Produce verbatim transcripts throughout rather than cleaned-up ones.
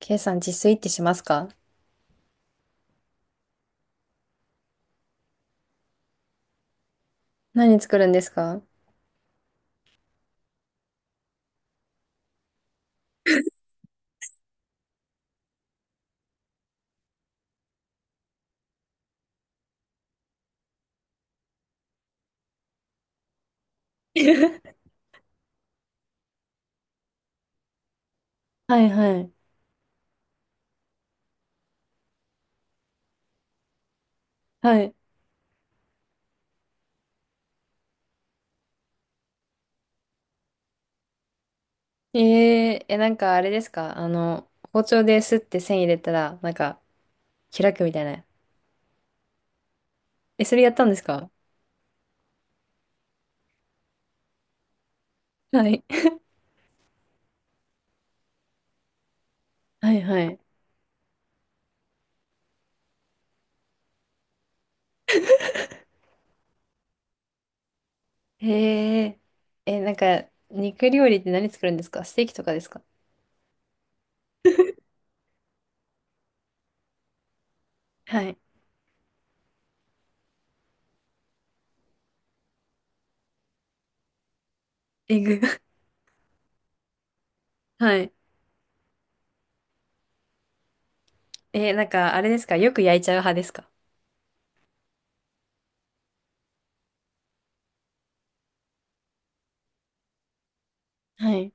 ケイさん自炊ってしますか？何作るんですか？ はいはい。はい。えー、え、なんかあれですかあの、包丁ですって線入れたら、なんか開くみたいな。え、それやったんですか？はい。はいはい。へえー、え、なんか肉料理って何作るんですか？ステーキとかですか？はい。エグ。はい。えー、なんかあれですか？よく焼いちゃう派ですか？はい。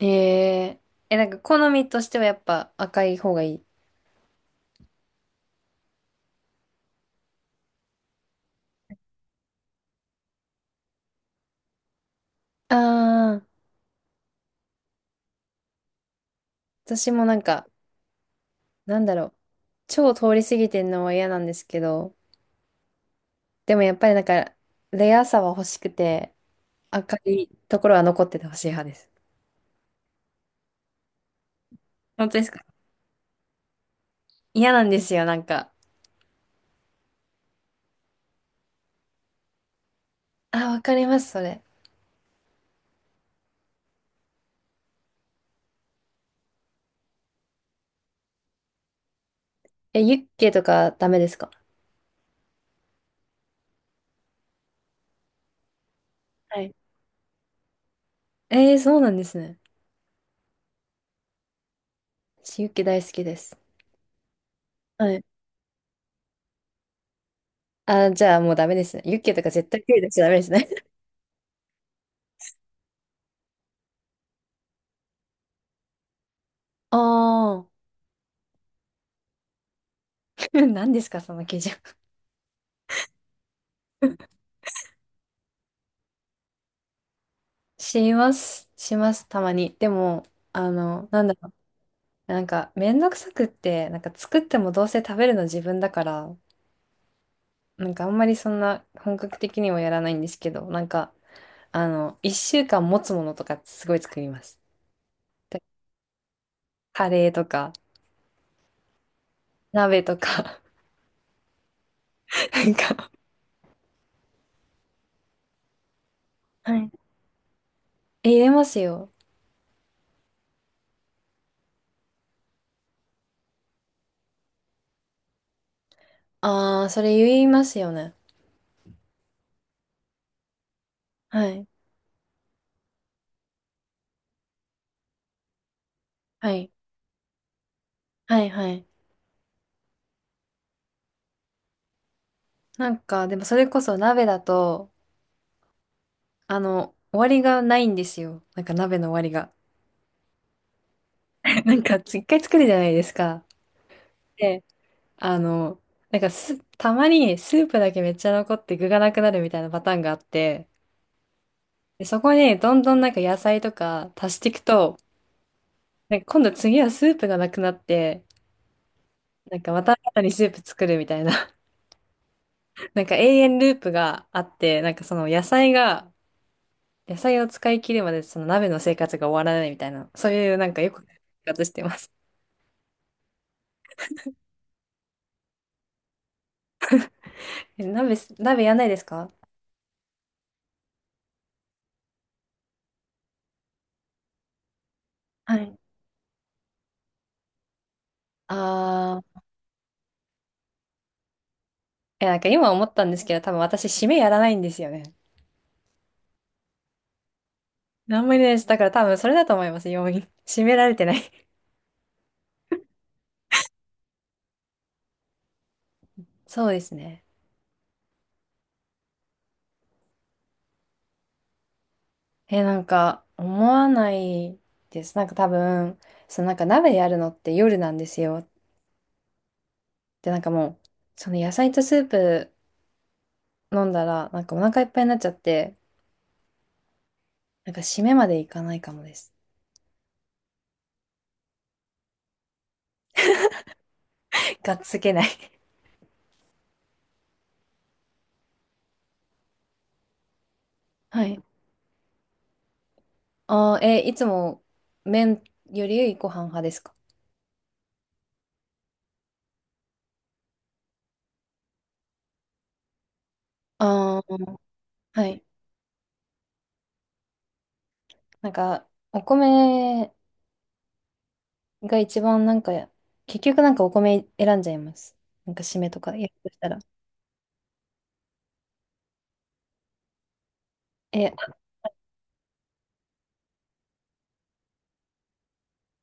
えー、え、なんか好みとしてはやっぱ赤い方がいい。ああ、私もなんかなんだろう。超通り過ぎてんのは嫌なんですけど、でもやっぱりなんか、レアさは欲しくて、赤いところは残っててほしい派です。本当ですか？嫌なんですよ、なんか。あ、わかります、それ。え、ユッケとかダメですか？はい。えー、そうなんですね。私ユッケ大好きです。はい。あ、じゃあもうダメですね。ユッケとか絶対手出しちゃダメですね。ああ、何ですか、その基準。します、します、たまに。でも、あの、なんだろう。なんか、めんどくさくって、なんか作ってもどうせ食べるの自分だから、なんかあんまりそんな本格的にはやらないんですけど、なんか、あの、一週間持つものとかすごい作ります。でカレーとか、鍋とか、なんかはいえ、入れますよ。ああ、それ言いますよね。はい。はい。はい、はい。なんか、でもそれこそ鍋だと、あの、終わりがないんですよ。なんか鍋の終わりが。なんか、一回作るじゃないですか。であの、なんかす、たまにスープだけめっちゃ残って具がなくなるみたいなパターンがあって、で、そこにどんどんなんか野菜とか足していくと、なんか今度次はスープがなくなって、なんかまた新たにスープ作るみたいな、なんか永遠ループがあって、なんかその野菜が、野菜を使い切るまでその鍋の生活が終わらないみたいな、そういうなんかよく生活してます。え、鍋す、鍋やんないですか？はい。ああー、いやなんか今思ったんですけど、多分私締めやらないんですよね。何もいないです。だから多分それだと思います、要因。締められてないそうですね。え、なんか、思わないです。なんか多分、そのなんか鍋やるのって夜なんですよ。で、なんかもう、その野菜とスープ飲んだら、なんかお腹いっぱいになっちゃって、なんか締めまでいかないかもです。がっつけない はい。あー、え、いつも麺よりご飯派ですか？ああー、はい。なんか、お米が一番なんか、結局なんかお米選んじゃいます。なんか締めとか、やるとしたら。え、あ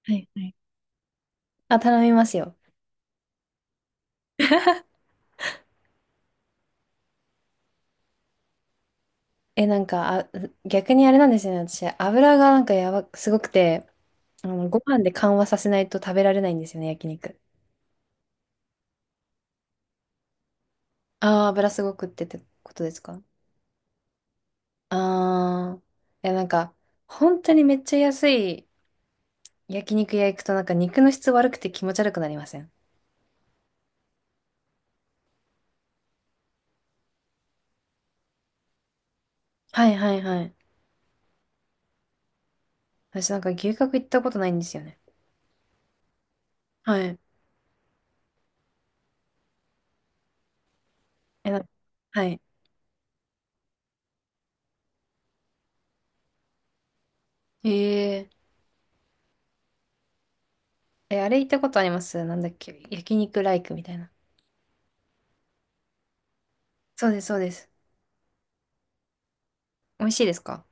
はいはい。あ、頼みますよ。え、なんか、あ、逆にあれなんですよね。私、油がなんかやば、すごくて、あの、ご飯で緩和させないと食べられないんですよね、焼肉。ああ、油すごくってってことですか？ああー、いや、なんか、本当にめっちゃ安い焼肉屋行くとなんか肉の質悪くて気持ち悪くなりません？はいはいはい。私なんか牛角行ったことないんですよね。はい。え、なんかはい。えええ、あれ行ったことありますなんだっけ焼肉ライクみたいな。そうです、そうです。美味しいですか？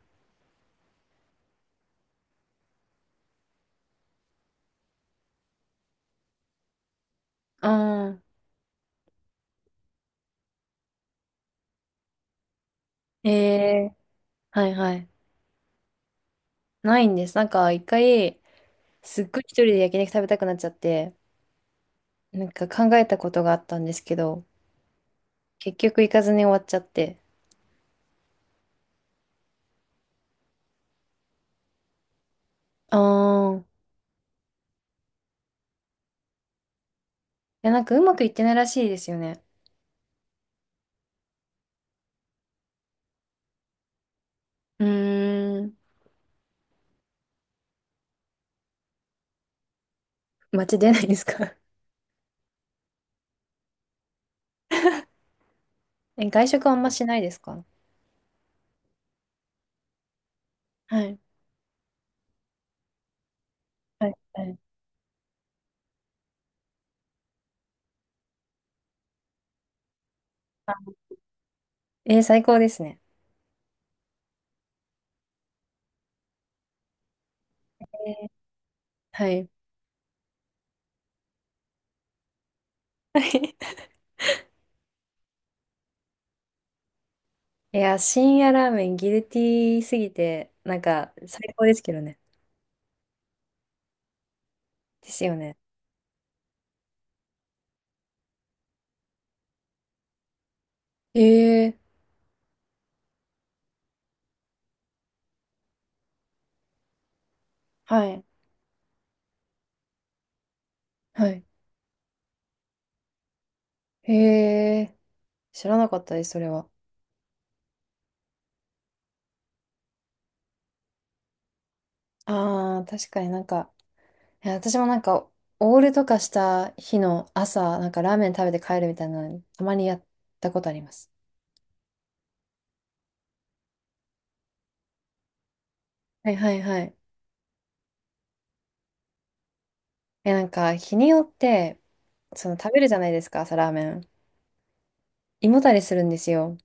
ああ、ええはいはい。ないんです。なんか一回、すっごい一人で焼肉食べたくなっちゃって、なんか考えたことがあったんですけど、結局行かずに終わっちゃって。ああ、いや、なんかうまくいってないらしいですよね。うーん、街出ないですか？ え、外食あんましないですか？はい。はい、はい。えー最高ですね。えーはい。いや、深夜ラーメンギルティーすぎて、なんか最高ですけどね。ですよね。ええはい。はい。へえ知らなかったです、それは。ああ、確かになんか、いや、私もなんか、オールとかした日の朝、なんかラーメン食べて帰るみたいなの、たまにやったことあります。はいはいはい。え、なんか、日によって、その食べるじゃないですか、朝ラーメン。胃もたれするんですよ。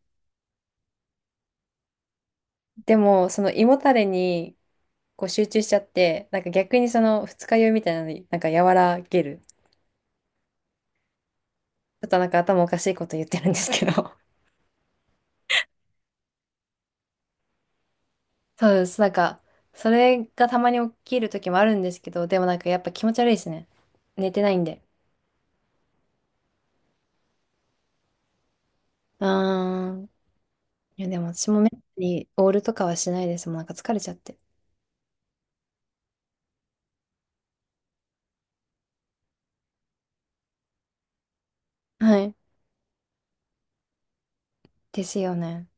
でも、その胃もたれにこう集中しちゃって、なんか逆にその二日酔いみたいなのになんか和らげる。ちょっとなんか頭おかしいこと言ってるんですけど。そうです。なんか、それがたまに起きる時もあるんですけど、でもなんかやっぱ気持ち悪いですね。寝てないんで。うーん。いやでも私もめったにオールとかはしないですもん。なんか疲れちゃって。はい。ですよね。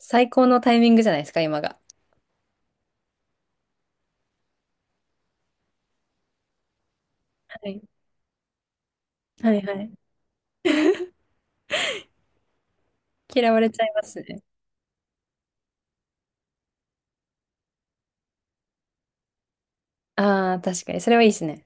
最高のタイミングじゃないですか、今が。はい。はいはい。嫌われちゃいますね。ああ、確かに。それはいいですね。